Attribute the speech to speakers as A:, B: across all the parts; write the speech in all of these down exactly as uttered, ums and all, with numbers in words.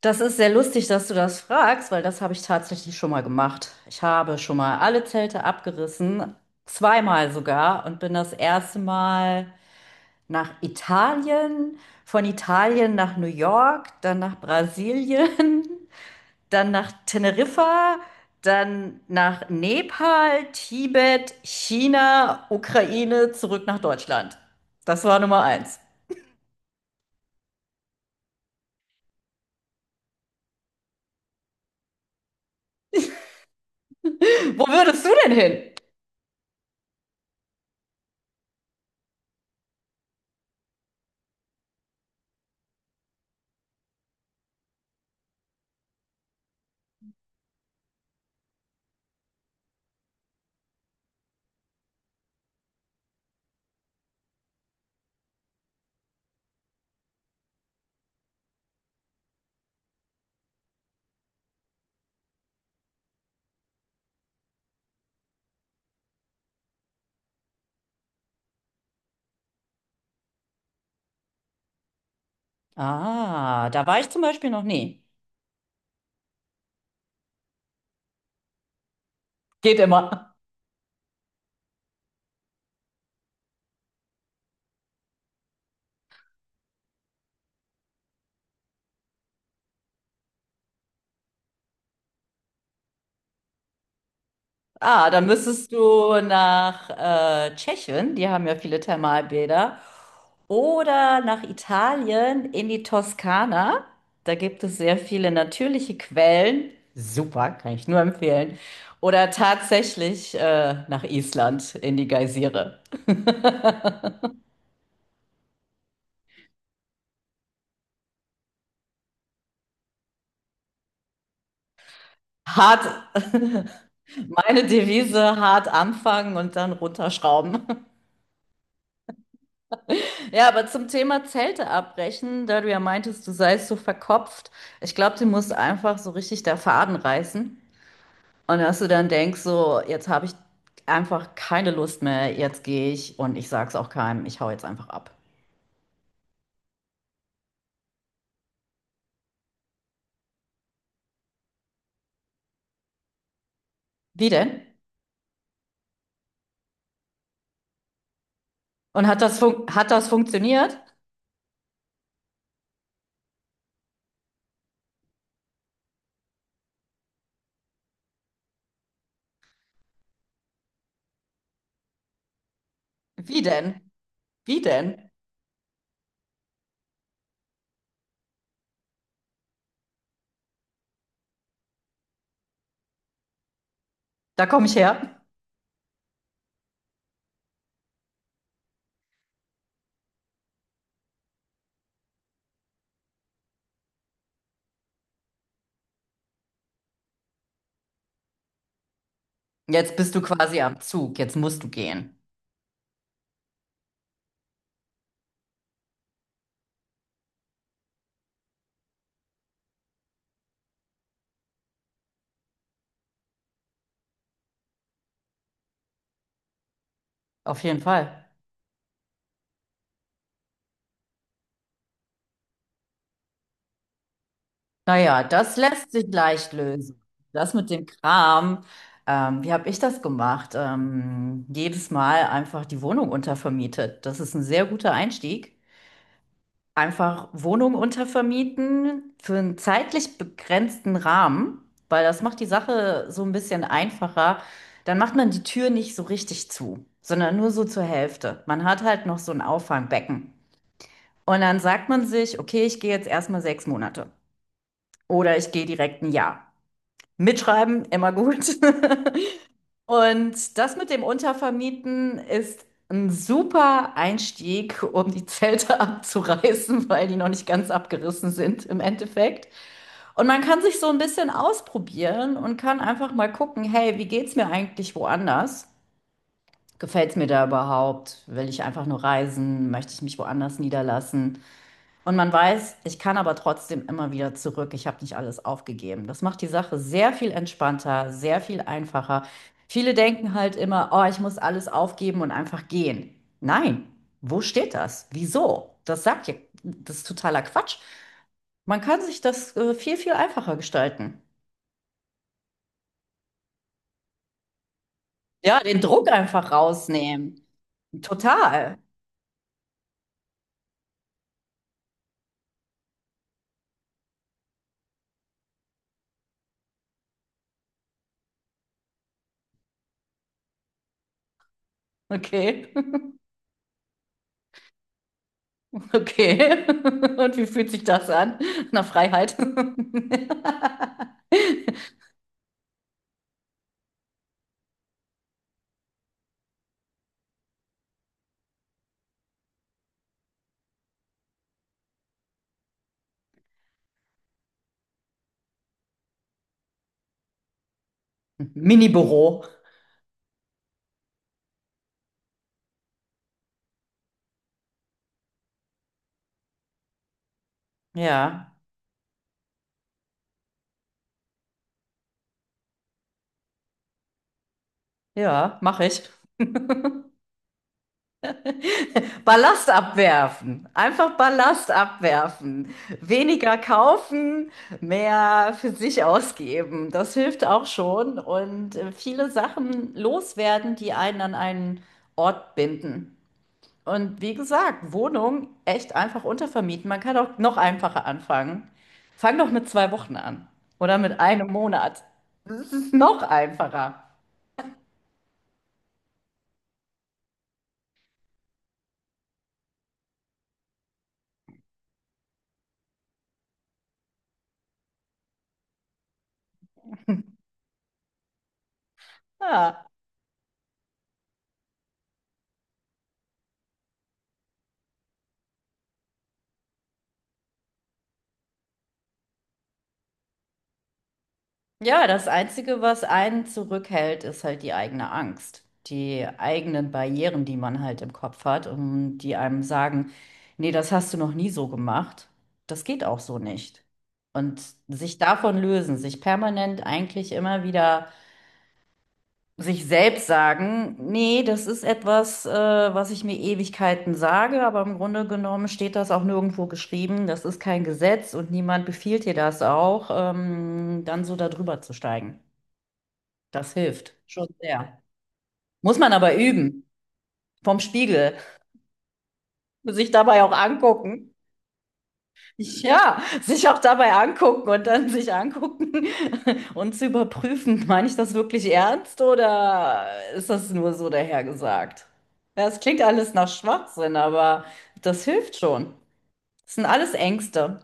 A: Das ist sehr lustig, dass du das fragst, weil das habe ich tatsächlich schon mal gemacht. Ich habe schon mal alle Zelte abgerissen, zweimal sogar, und bin das erste Mal nach Italien, von Italien nach New York, dann nach Brasilien, dann nach Teneriffa, dann nach Nepal, Tibet, China, Ukraine, zurück nach Deutschland. Das war Nummer eins. Wo würdest du denn hin? Ah, da war ich zum Beispiel noch nie. Geht immer. Ah, dann müsstest du nach äh, Tschechien, die haben ja viele Thermalbäder, oder nach Italien in die Toskana. Da gibt es sehr viele natürliche Quellen. Super, kann ich nur empfehlen. Oder tatsächlich äh, nach Island in die Geysire. Hart, meine Devise, hart anfangen und dann runterschrauben. Ja, aber zum Thema Zelte abbrechen, da du ja meintest, du seist so verkopft, ich glaube, dir muss einfach so richtig der Faden reißen. Und dass du dann denkst, so, jetzt habe ich einfach keine Lust mehr, jetzt gehe ich und ich sag's auch keinem, ich hau jetzt einfach ab. Wie denn? Und hat das fun hat das funktioniert? Wie denn? Wie denn? Da komme ich her. Jetzt bist du quasi am Zug, jetzt musst du gehen. Auf jeden Fall. Naja, das lässt sich leicht lösen. Das mit dem Kram, ähm, wie habe ich das gemacht? Ähm, jedes Mal einfach die Wohnung untervermietet. Das ist ein sehr guter Einstieg. Einfach Wohnung untervermieten für einen zeitlich begrenzten Rahmen, weil das macht die Sache so ein bisschen einfacher. Dann macht man die Tür nicht so richtig zu, sondern nur so zur Hälfte. Man hat halt noch so ein Auffangbecken. Und dann sagt man sich, okay, ich gehe jetzt erstmal sechs Monate oder ich gehe direkt ein Jahr. Mitschreiben, immer gut. Und das mit dem Untervermieten ist ein super Einstieg, um die Zelte abzureißen, weil die noch nicht ganz abgerissen sind im Endeffekt. Und man kann sich so ein bisschen ausprobieren und kann einfach mal gucken, hey, wie geht's mir eigentlich woanders? Gefällt's mir da überhaupt? Will ich einfach nur reisen? Möchte ich mich woanders niederlassen? Und man weiß, ich kann aber trotzdem immer wieder zurück. Ich habe nicht alles aufgegeben. Das macht die Sache sehr viel entspannter, sehr viel einfacher. Viele denken halt immer, oh, ich muss alles aufgeben und einfach gehen. Nein, wo steht das? Wieso? Das sagt ja, das ist totaler Quatsch. Man kann sich das äh, viel, viel einfacher gestalten. Ja, den Druck einfach rausnehmen. Total. Okay. Okay. Und wie fühlt sich das an? Nach Freiheit. Mini-Büro. Ja, ja, mache ich. Ballast abwerfen. Einfach Ballast abwerfen. Weniger kaufen, mehr für sich ausgeben. Das hilft auch schon. Und äh, viele Sachen loswerden, die einen an einen Ort binden. Und wie gesagt, Wohnung echt einfach untervermieten. Man kann auch noch einfacher anfangen. Fang doch mit zwei Wochen an. Oder mit einem Monat. Das ist noch einfacher. Ja. Ja, das Einzige, was einen zurückhält, ist halt die eigene Angst, die eigenen Barrieren, die man halt im Kopf hat und die einem sagen, nee, das hast du noch nie so gemacht, das geht auch so nicht. Und sich davon lösen, sich permanent eigentlich immer wieder sich selbst sagen, nee, das ist etwas, äh, was ich mir Ewigkeiten sage, aber im Grunde genommen steht das auch nirgendwo geschrieben, das ist kein Gesetz und niemand befiehlt dir das auch, ähm, dann so darüber zu steigen. Das hilft schon sehr. Muss man aber üben. Vom Spiegel. Sich dabei auch angucken. Ja, sich auch dabei angucken und dann sich angucken und zu überprüfen, meine ich das wirklich ernst oder ist das nur so dahergesagt? Ja, es klingt alles nach Schwachsinn, aber das hilft schon. Das sind alles Ängste.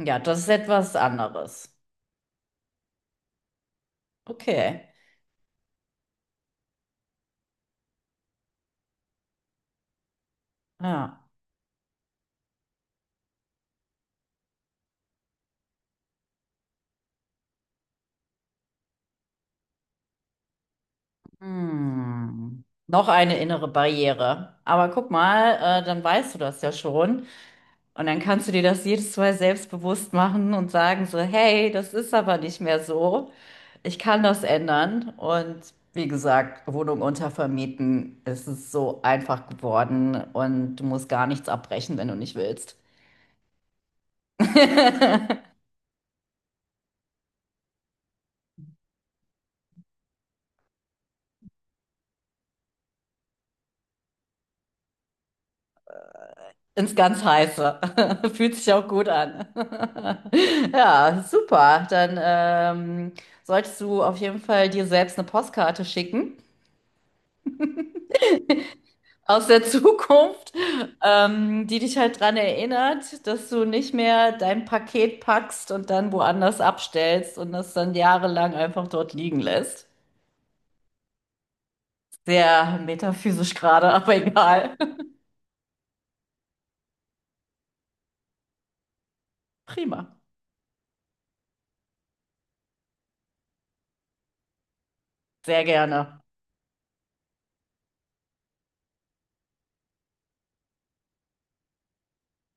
A: Ja, das ist etwas anderes. Okay. Ja. Hm. Noch eine innere Barriere. Aber guck mal, äh, dann weißt du das ja schon. Und dann kannst du dir das jedes Mal selbstbewusst machen und sagen so, hey, das ist aber nicht mehr so. Ich kann das ändern. Und wie gesagt, Wohnung untervermieten, es ist so einfach geworden und du musst gar nichts abbrechen, wenn du nicht willst. Ins ganz Heiße. Fühlt sich auch gut an. Ja, super. Dann ähm, solltest du auf jeden Fall dir selbst eine Postkarte schicken aus der Zukunft, ähm, die dich halt dran erinnert, dass du nicht mehr dein Paket packst und dann woanders abstellst und das dann jahrelang einfach dort liegen lässt. Sehr metaphysisch gerade, aber egal. Prima. Sehr gerne.